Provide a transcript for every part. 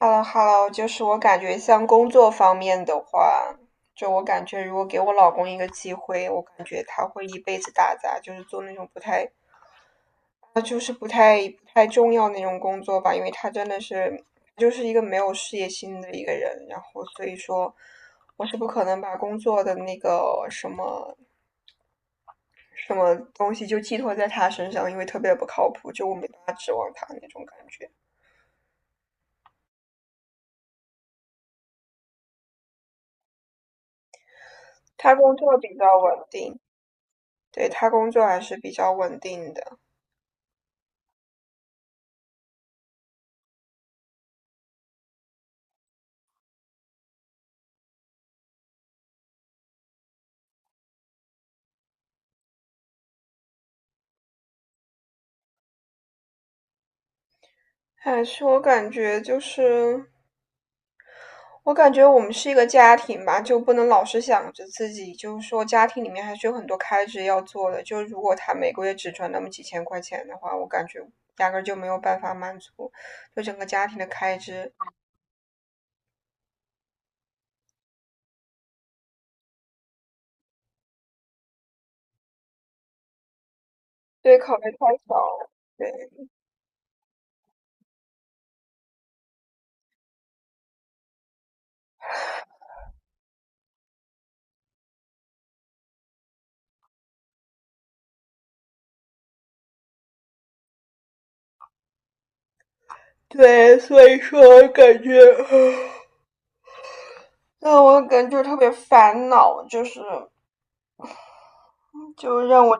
哈喽哈喽，就是我感觉像工作方面的话，就我感觉如果给我老公一个机会，我感觉他会一辈子打杂，就是做那种不太，他就是不太重要那种工作吧，因为他真的是就是一个没有事业心的一个人，然后所以说我是不可能把工作的那个什么什么东西就寄托在他身上，因为特别不靠谱，就我没办法指望他那种感觉。他工作比较稳定，对，他工作还是比较稳定的。还是我感觉就是，我感觉我们是一个家庭吧，就不能老是想着自己，就是说家庭里面还是有很多开支要做的。就如果他每个月只赚那么几千块钱的话，我感觉压根儿就没有办法满足，就整个家庭的开支，对，考虑太少。对对，所以说我感觉，那我感觉特别烦恼，就是就让我，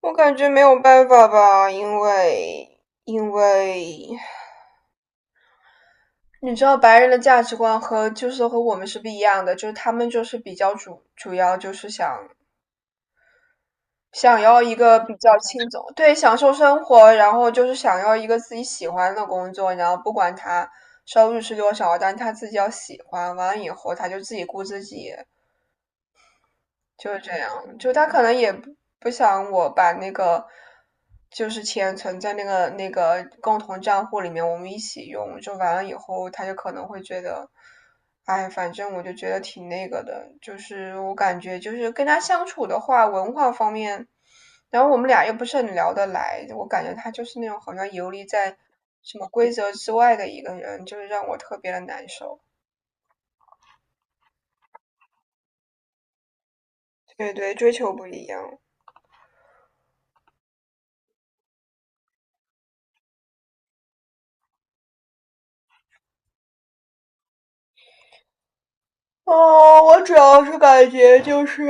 我感觉没有办法吧，因为。你知道白人的价值观和就是和我们是不一样的，就是他们就是比较主要就是想想要一个比较轻松，对，享受生活，然后就是想要一个自己喜欢的工作，然后不管他收入是多少，但他自己要喜欢，完了以后他就自己顾自己，就是这样，就他可能也不想我把那个就是钱存在那个共同账户里面，我们一起用。就完了以后，他就可能会觉得，哎，反正我就觉得挺那个的。就是我感觉，就是跟他相处的话，文化方面，然后我们俩又不是很聊得来，我感觉他就是那种好像游离在什么规则之外的一个人，就是让我特别的难受。对对，追求不一样。哦，我主要是感觉就是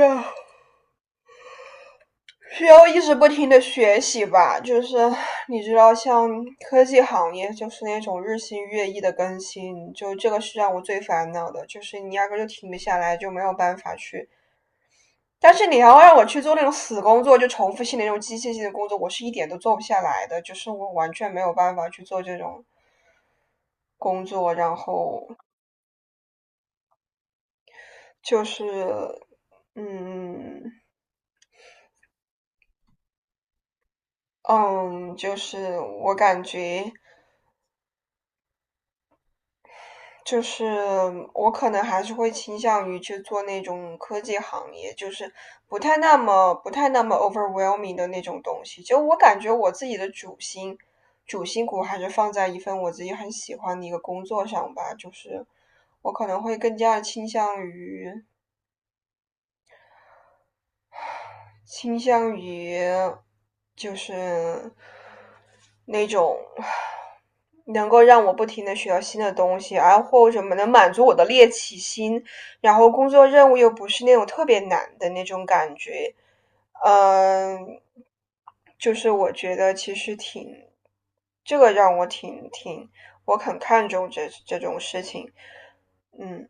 需要一直不停的学习吧，就是你知道，像科技行业就是那种日新月异的更新，就这个是让我最烦恼的，就是你压根就停不下来，就没有办法去。但是你要让我去做那种死工作，就重复性的那种机械性的工作，我是一点都做不下来的，就是我完全没有办法去做这种工作，然后就是，嗯。嗯，就是我感觉，就是我可能还是会倾向于去做那种科技行业，就是不太那么 overwhelming 的那种东西。就我感觉我自己的主心骨还是放在一份我自己很喜欢的一个工作上吧，就是我可能会更加倾向于倾向于就是那种能够让我不停的学到新的东西，而或者能满足我的猎奇心，然后工作任务又不是那种特别难的那种感觉，嗯，就是我觉得其实挺，这个让我挺挺，我很看重这种事情，嗯，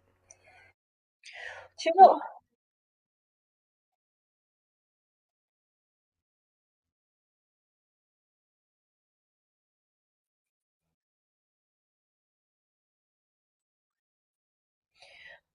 其实我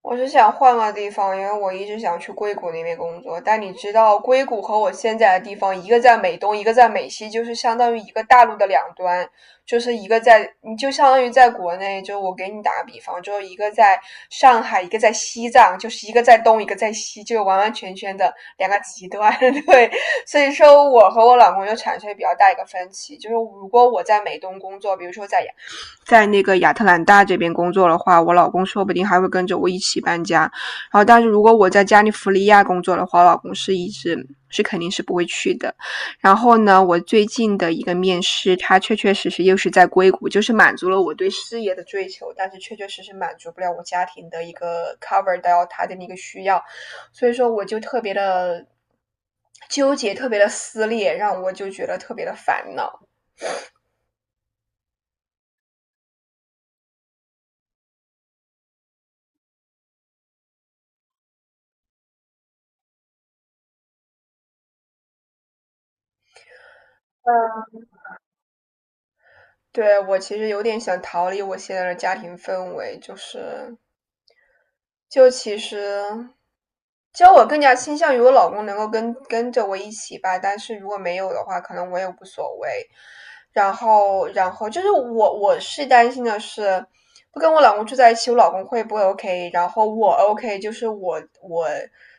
是想换个地方，因为我一直想去硅谷那边工作。但你知道，硅谷和我现在的地方，一个在美东，一个在美西，就是相当于一个大陆的两端，就是一个在，你就相当于在国内，就我给你打个比方，就一个在上海，一个在西藏，就是一个在东，一个在西，就完完全全的两个极端。对，所以说我和我老公就产生比较大一个分歧，就是如果我在美东工作，比如说在在那个亚特兰大这边工作的话，我老公说不定还会跟着我一起搬家。然后，但是如果我在加利福尼亚工作的话，我老公是一直是肯定是不会去的。然后呢，我最近的一个面试，他确确实实又是在硅谷，就是满足了我对事业的追求，但是确确实实满足不了我家庭的一个 cover 到他的那个需要，所以说我就特别的纠结，特别的撕裂，让我就觉得特别的烦恼。嗯，对，我其实有点想逃离我现在的家庭氛围，就是就其实，其实我更加倾向于我老公能够跟着我一起吧，但是如果没有的话，可能我也无所谓。然后就是我是担心的是，不跟我老公住在一起，我老公会不会 OK?然后我 OK,就是我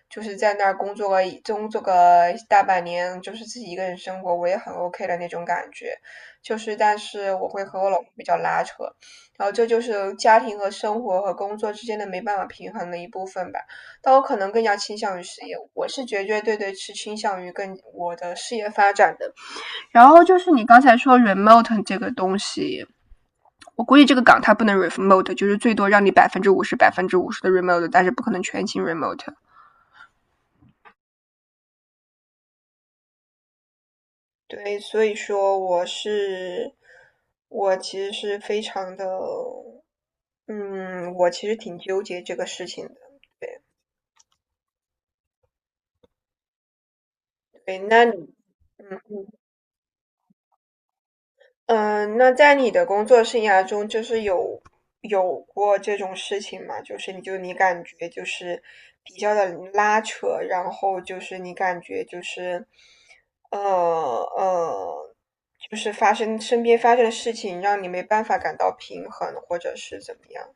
就是在那儿工作个大半年，就是自己一个人生活，我也很 OK 的那种感觉。就是，但是我会和我老公比较拉扯。然后这就是家庭和生活和工作之间的没办法平衡的一部分吧。但我可能更加倾向于事业，我是绝绝对对是倾向于跟我的事业发展的。然后就是你刚才说 remote 这个东西，我估计这个岗它不能 remote,就是最多让你百分之五十、百分之五十的 remote,但是不可能全勤 remote。对，所以说我是，我其实是非常的，嗯，我其实挺纠结这个事情的。对对，那你，嗯。嗯，那在你的工作生涯中，就是有有过这种事情吗？就是你就你感觉就是比较的拉扯，然后就是你感觉就是，呃呃，就是发生身边发生的事情，让你没办法感到平衡，或者是怎么样？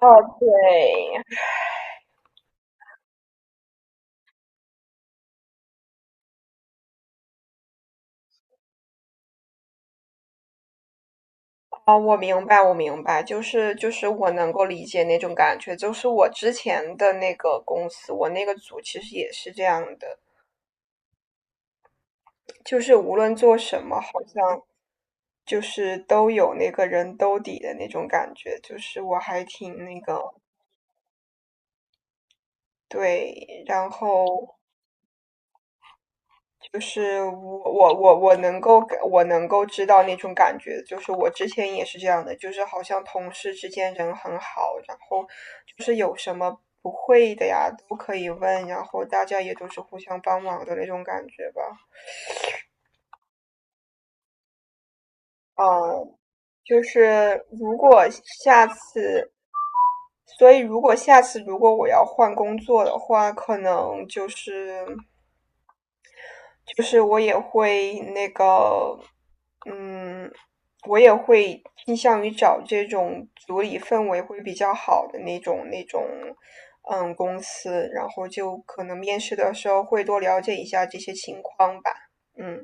哦，对，哦，我明白，我明白，就是就是我能够理解那种感觉，就是我之前的那个公司，我那个组其实也是这样的，就是无论做什么，好像就是都有那个人兜底的那种感觉，就是我还挺那个，对，然后就是我能够我能够知道那种感觉，就是我之前也是这样的，就是好像同事之间人很好，然后就是有什么不会的呀都可以问，然后大家也都是互相帮忙的那种感觉吧，嗯。就是如果下次所以如果下次如果我要换工作的话，可能就是就是我也会那个，嗯，我也会倾向于找这种组里氛围会比较好的那种，嗯，公司，然后就可能面试的时候会多了解一下这些情况吧，嗯。